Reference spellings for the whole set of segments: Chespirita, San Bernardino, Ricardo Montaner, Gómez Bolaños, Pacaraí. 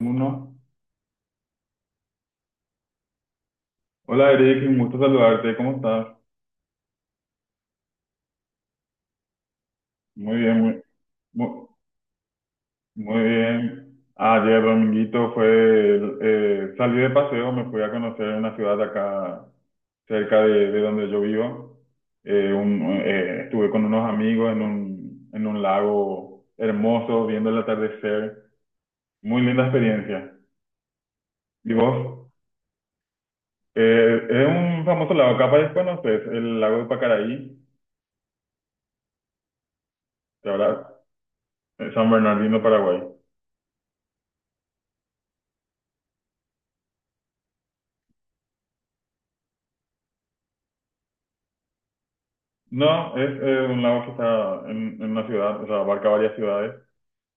Uno. Hola Eric, un gusto saludarte, ¿cómo estás? Muy bien, mu- muy bien. Ayer dominguito fue, salí de paseo, me fui a conocer una ciudad acá cerca de donde yo vivo. Estuve con unos amigos en un lago hermoso, viendo el atardecer. Muy linda experiencia. ¿Y vos? Es un famoso lago, capaz conoces, el lago de Pacaraí, que ahora es San Bernardino, Paraguay. No, es un lago que está en una ciudad, o sea, abarca varias ciudades.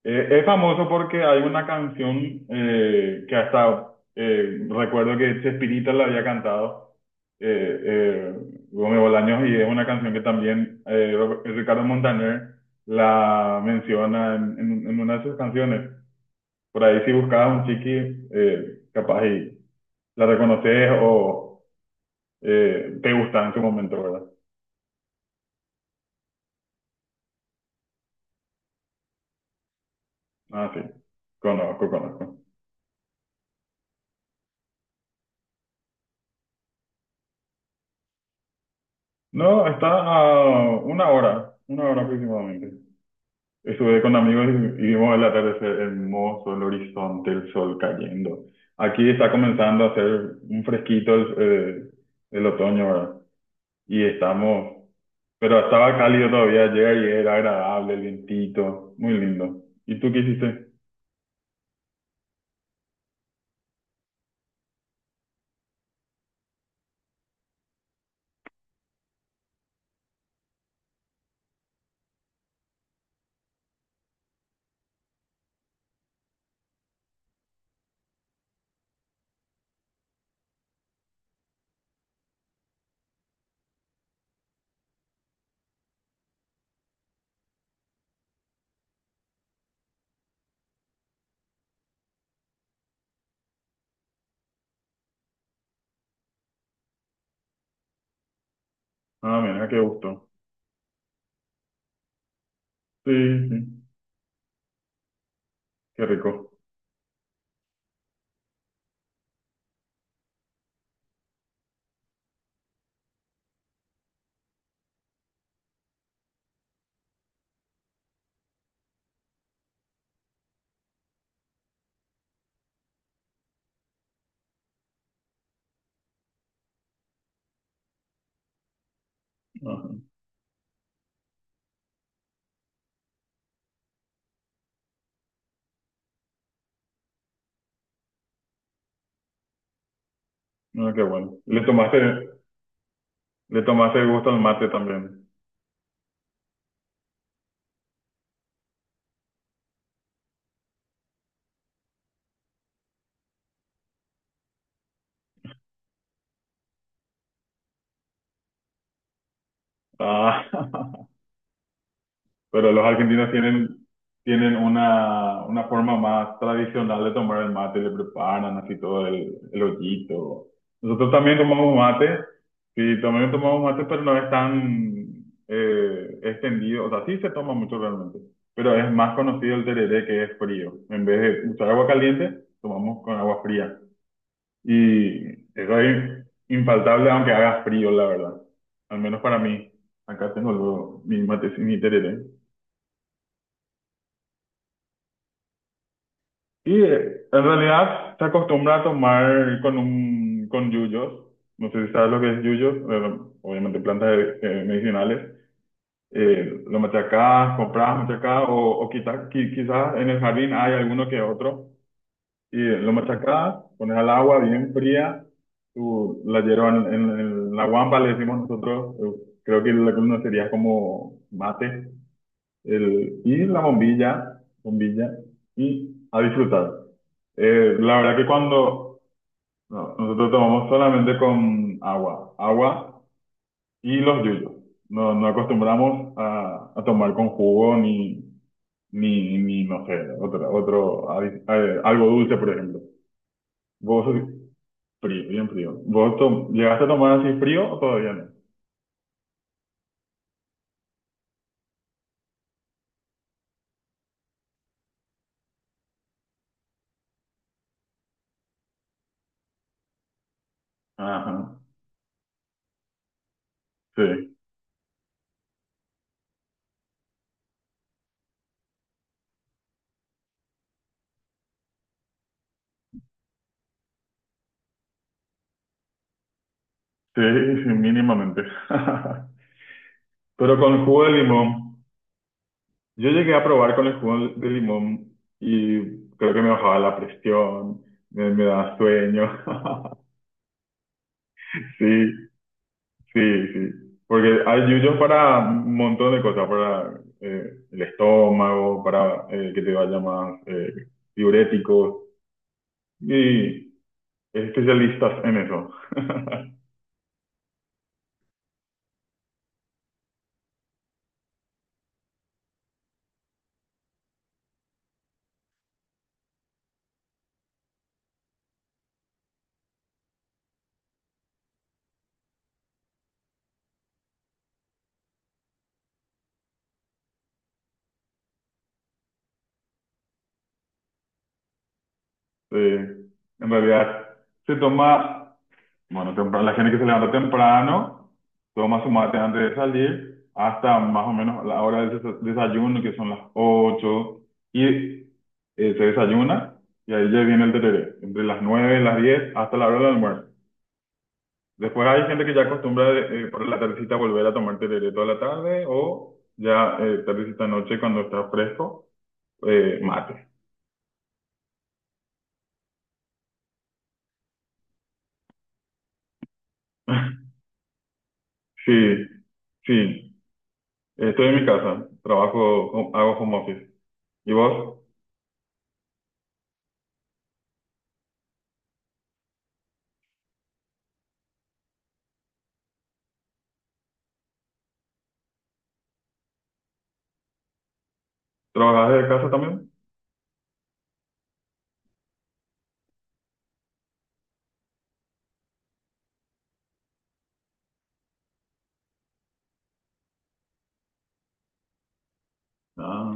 Es famoso porque hay una canción que hasta recuerdo que Chespirita la había cantado, eh, eh, Gómez Bolaños, y es una canción que también Ricardo Montaner la menciona en una de sus canciones. Por ahí si buscabas un chiqui, capaz y la reconoces o te gusta en su momento, ¿verdad? Ah, sí, conozco, conozco. No, está a una hora aproximadamente. Estuve con amigos y vimos el atardecer hermoso, el horizonte, el sol cayendo. Aquí está comenzando a hacer un fresquito el otoño, ¿verdad? Y estamos, pero estaba cálido todavía ayer y era agradable, el vientito, muy lindo. ¿Y tú qué hiciste? Ah, mira, qué gusto. Sí, sí, qué rico. Ajá. Ah, qué bueno. ¿Le tomaste el gusto al mate también? Ah. Pero los argentinos tienen una forma más tradicional de tomar el mate, le preparan así todo el ollito. Nosotros también tomamos mate, sí, también tomamos mate, pero no es tan extendido, o sea, sí se toma mucho realmente, pero es más conocido el tereré, que es frío. En vez de usar agua caliente, tomamos con agua fría. Y eso es infaltable aunque haga frío, la verdad. Al menos para mí. Acá tengo mi mate, mi tereré. Y en realidad se acostumbra a tomar con un con yuyos. No sé si sabes lo que es yuyos, obviamente plantas medicinales. Lo machacás, comprás, machacás o quizás en el jardín hay alguno que otro. Y lo machacás, pones al agua bien fría, tú la hierba en la guampa, le decimos nosotros, creo que la columna sería como mate, el, y la bombilla, bombilla, y a disfrutar. La verdad que cuando no, nosotros tomamos solamente con agua, agua y los yuyos. No, no acostumbramos a tomar con jugo ni, ni no sé, algo dulce, por ejemplo. Vos, frío, bien frío. ¿ Llegaste a tomar así frío o todavía no? Ajá, sí, sí, sí, mínimamente. Pero con jugo de limón. Yo llegué a probar con el jugo de limón y creo que me bajaba la presión, me daba sueño. Sí, sí, sí. Porque hay yuyos para un montón de cosas, para el estómago, para que te vaya más diuréticos. Y es especialistas en eso. Sí. En realidad se toma. Bueno, temprano, la gente que se levanta temprano toma su mate antes de salir, hasta más o menos la hora del desayuno, que son las 8 y se desayuna, y ahí ya viene el tereré, entre las 9 y las 10, hasta la hora del almuerzo. Después hay gente que ya acostumbra, por la tardecita, volver a tomar tereré toda la tarde, o ya tardecita noche cuando está fresco, mate. Sí, sí, estoy en mi casa, trabajo, hago home office. ¿Y vos? ¿Trabajas desde casa también? Ah,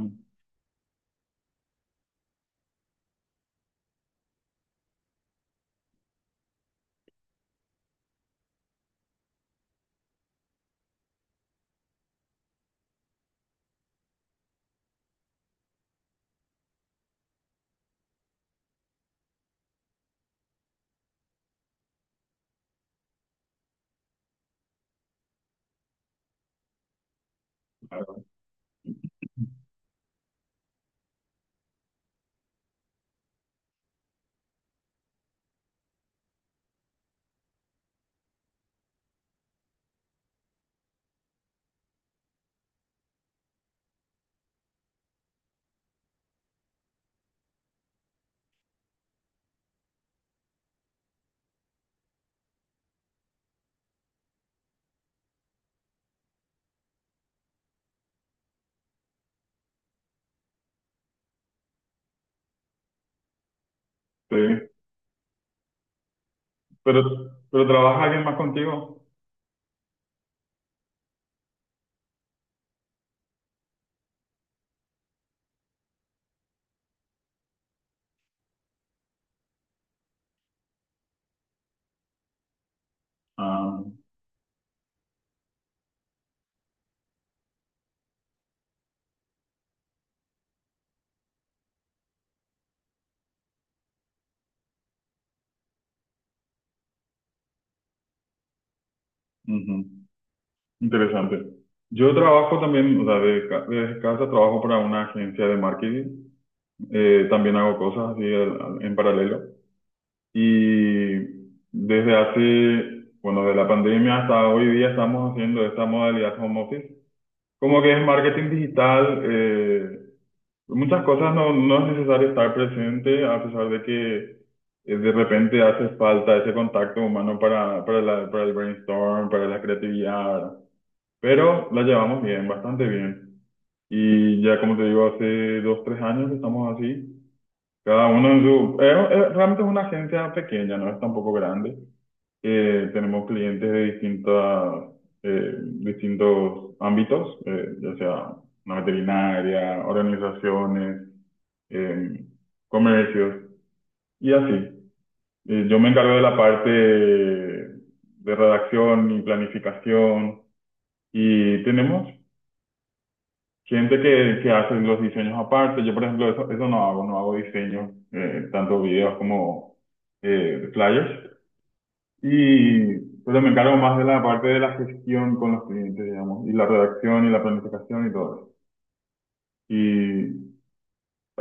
claro, sí. Pero, pero ¿trabaja alguien más contigo? Ah, ujú, interesante. Yo trabajo también, o sea, desde casa trabajo para una agencia de marketing. También hago cosas así en paralelo. Y desde hace, bueno, de la pandemia hasta hoy día, estamos haciendo esta modalidad home office. Como que es marketing digital. Muchas cosas, no es necesario estar presente, a pesar de que de repente hace falta ese contacto humano para el brainstorm, para la creatividad, ¿verdad? Pero la llevamos bien, bastante bien. Y ya, como te digo, hace 2, 3 años que estamos así, cada uno en su... realmente es una agencia pequeña, no es tampoco grande. Tenemos clientes de distintos ámbitos, ya sea una veterinaria, organizaciones, eh, comercios y así. Yo me encargo de la parte de redacción y planificación, y tenemos gente que hace los diseños aparte. Yo, por ejemplo, eso no hago, no hago diseño, tanto videos como flyers. Y pues me encargo más de la parte de la gestión con los clientes, digamos, y la redacción y la planificación y todo eso. Y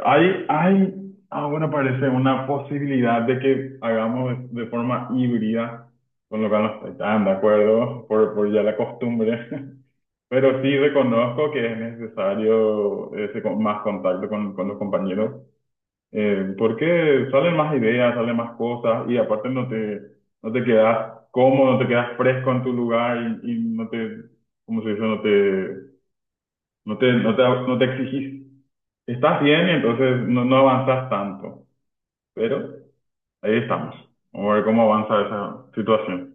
Hay, hay, ahora parece una posibilidad de que hagamos de forma híbrida, con lo que no estoy tan de acuerdo por ya la costumbre, pero sí reconozco que es necesario ese más contacto con los compañeros, porque salen más ideas, salen más cosas, y aparte no te quedas cómodo, no te quedas fresco en tu lugar, y no te, ¿cómo se dice? No te exigís. Estás bien y entonces no avanzas tanto. Pero ahí estamos. Vamos a ver cómo avanza esa situación.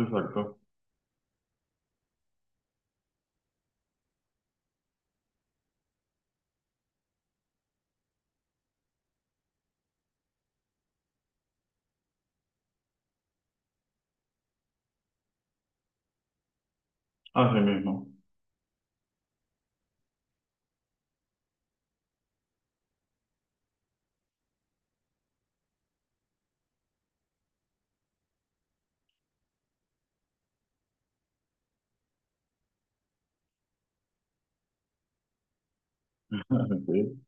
Exacto. Así mismo. Así sí.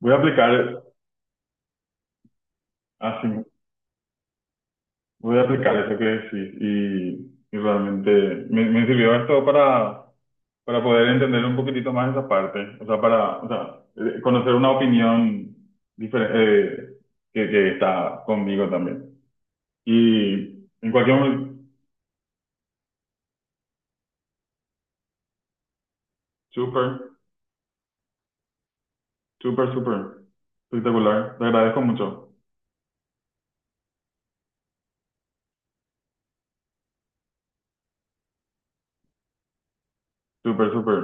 Voy a aplicar, así, Voy a aplicar eso que decís, y realmente me sirvió esto para poder entender un poquitito más esa parte. O sea, o sea, conocer una opinión diferente, que está conmigo también. Y en cualquier momento, súper, súper, súper espectacular. Te agradezco mucho. Súper, súper.